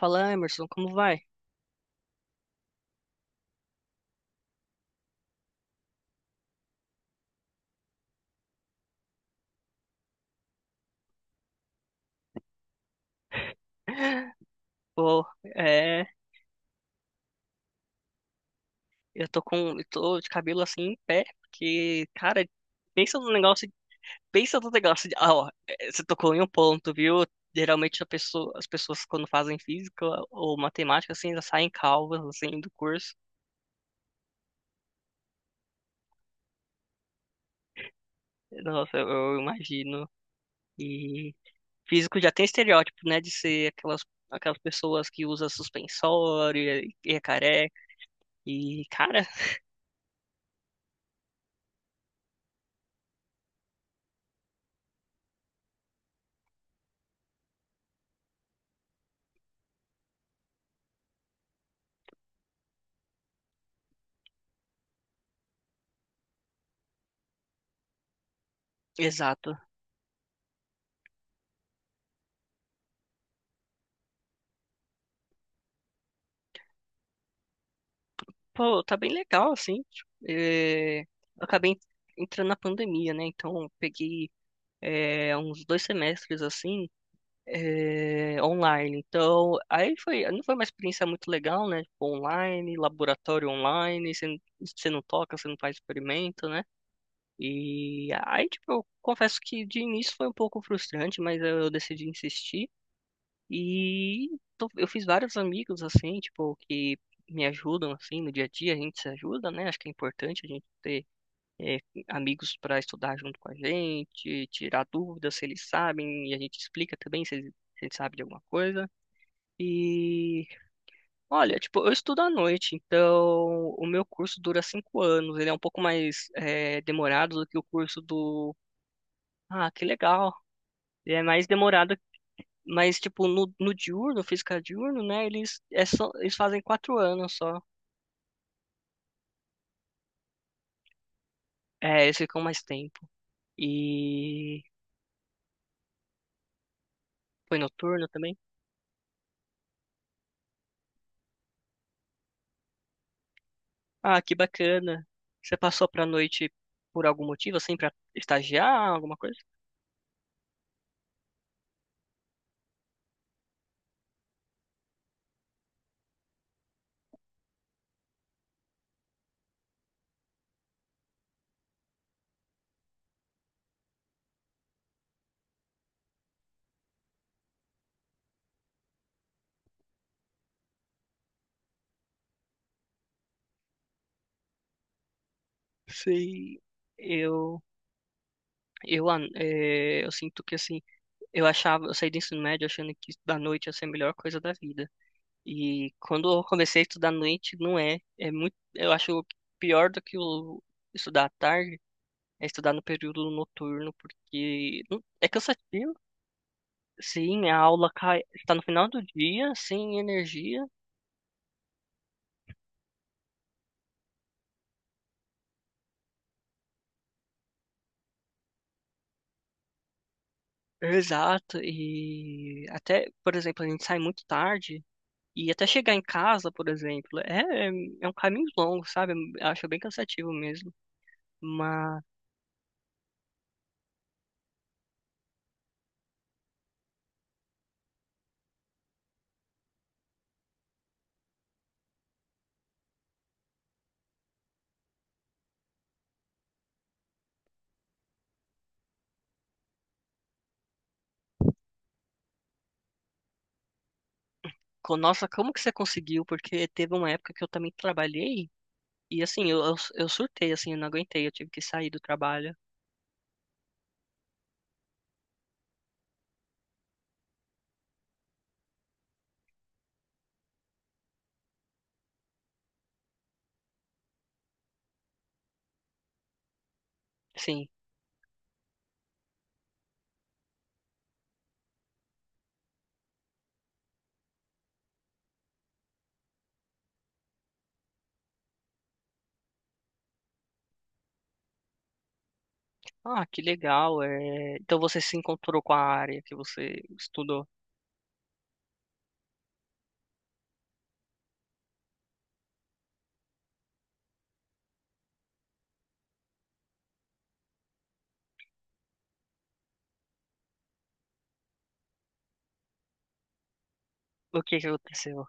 Fala, Emerson, como vai? Pô, é, eu tô de cabelo assim em pé, porque, cara, pensa no negócio, pensa no negócio de, ah, ó, você tocou em um ponto, viu? Geralmente as pessoas quando fazem física ou matemática, assim, já saem calvas, assim, do curso. Nossa, eu imagino. E físico já tem estereótipo, né, de ser aquelas, pessoas que usa suspensório e é careca. E, cara, exato. Pô, tá bem legal, assim. Tipo, eu acabei entrando na pandemia, né? Então, eu peguei uns 2 semestres, assim, online. Então, aí foi, não foi uma experiência muito legal, né? Tipo, online, laboratório online, você, você não toca, você não faz experimento, né? E aí, tipo, eu confesso que de início foi um pouco frustrante, mas eu decidi insistir. E eu fiz vários amigos, assim, tipo, que me ajudam, assim, no dia a dia, a gente se ajuda, né? Acho que é importante a gente ter é, amigos para estudar junto com a gente, tirar dúvidas se eles sabem, e a gente explica também se eles sabem de alguma coisa. E, olha, tipo, eu estudo à noite, então o meu curso dura 5 anos, ele é um pouco mais demorado do que o curso do... Ah, que legal! Ele é mais demorado. Mas, tipo, no diurno, física diurno, né? Eles, eles fazem 4 anos só. É, eles ficam mais tempo. E foi noturno também? Ah, que bacana. Você passou pra noite por algum motivo, assim, pra estagiar, alguma coisa? Sim. Eu, eu, ah, eu sinto que, assim, eu saí do ensino médio achando que estudar à noite ia ser a melhor coisa da vida. E quando eu comecei a estudar à noite, não é. É muito, eu acho pior do que o estudar à tarde é estudar no período noturno, porque é cansativo. Sim, a aula cai, está no final do dia, sem energia. Exato. E até, por exemplo, a gente sai muito tarde. E até chegar em casa, por exemplo, é um caminho longo, sabe? Eu acho bem cansativo mesmo. Mas, nossa, como que você conseguiu? Porque teve uma época que eu também trabalhei e, assim, eu surtei, assim, eu não aguentei, eu tive que sair do trabalho. Sim. Ah, que legal. É... Então você se encontrou com a área que você estudou. O que que aconteceu?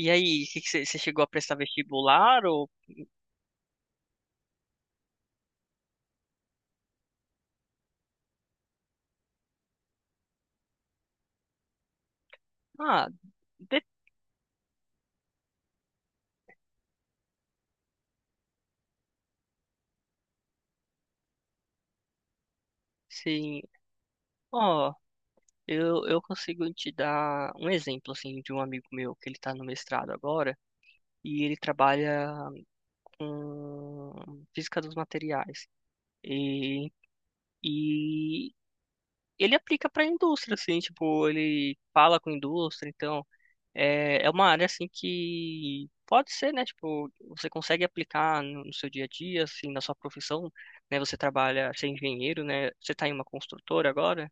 E aí, que você chegou a prestar vestibular ou... Ah, de- sim. Ó, eu consigo te dar um exemplo, assim, de um amigo meu que ele tá no mestrado agora e ele trabalha com física dos materiais. E, e ele aplica pra indústria, assim, tipo, ele fala com indústria, então... É, é uma área assim que pode ser, né? Tipo, você consegue aplicar no seu dia a dia, assim, na sua profissão, né? Você trabalha, você é engenheiro, né? Você tá em uma construtora agora?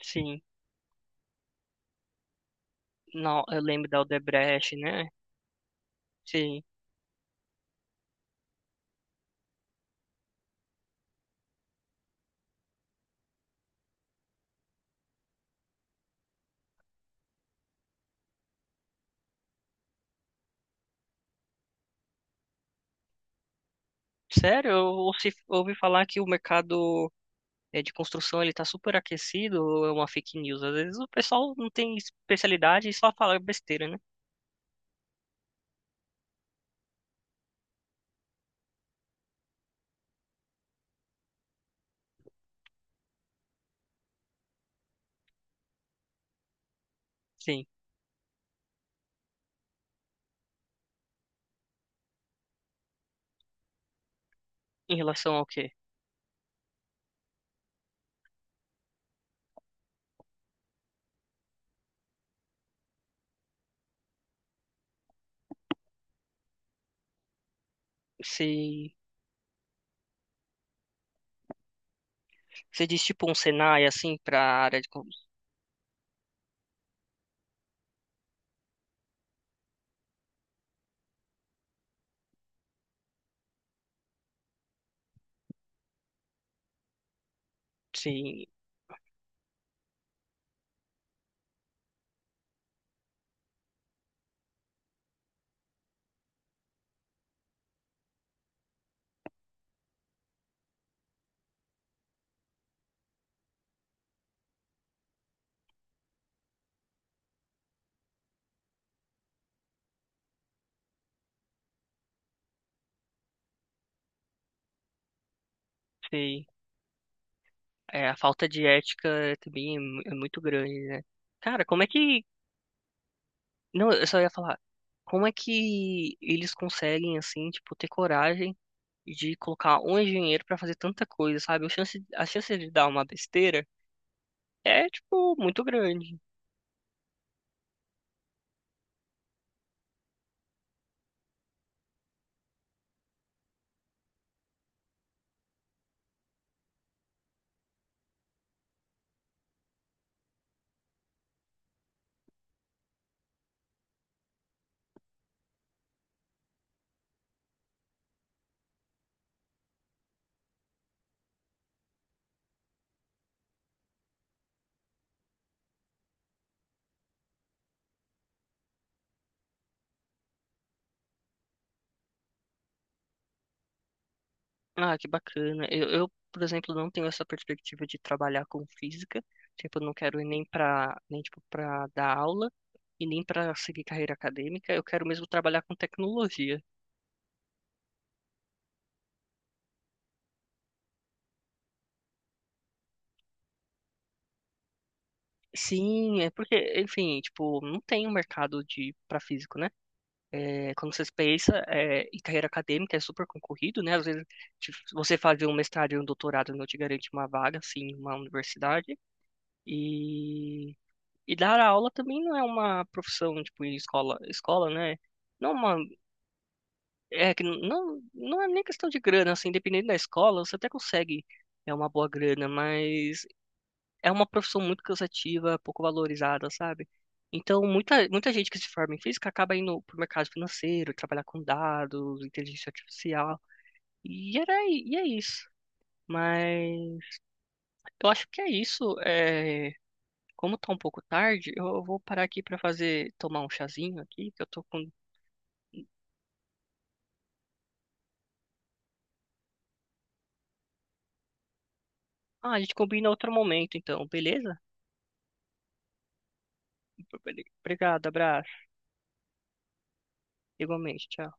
Sim. Não, eu lembro da Odebrecht, né? Sim. Sério, eu ouvi falar que o mercado de construção ele tá super aquecido, ou é uma fake news. Às vezes o pessoal não tem especialidade e só fala besteira, né? Sim. Em relação ao quê? Se você diz tipo um Senai assim para área de Sim. Sei. É, a falta de ética é também é muito grande, né? Cara, como é que. Não, eu só ia falar. Como é que eles conseguem, assim, tipo, ter coragem de colocar um engenheiro pra fazer tanta coisa, sabe? A chance de dar uma besteira tipo, muito grande. Ah, que bacana. Eu, por exemplo, não tenho essa perspectiva de trabalhar com física. Tipo, eu não quero ir nem, tipo, pra dar aula e nem pra seguir carreira acadêmica. Eu quero mesmo trabalhar com tecnologia. Sim, é porque, enfim, tipo, não tem um mercado de para físico, né? É, quando você pensa em carreira acadêmica é super concorrido, né? Às vezes tipo, você fazer um mestrado e um doutorado não te garante uma vaga, assim, em uma universidade. E, dar aula também não é uma profissão, tipo, em escola, escola, né? Não é uma, é que não, é nem questão de grana, assim, dependendo da escola, você até consegue é uma boa grana, mas é uma profissão muito cansativa, pouco valorizada, sabe? Então, muita, muita gente que se forma em física acaba indo pro mercado financeiro, trabalhar com dados, inteligência artificial, e, e é isso. Mas eu acho que é isso. É, como tá um pouco tarde, eu vou parar aqui tomar um chazinho aqui, que eu tô com... Ah, a gente combina outro momento, então, beleza? Obrigado, abraço. Igualmente, tchau.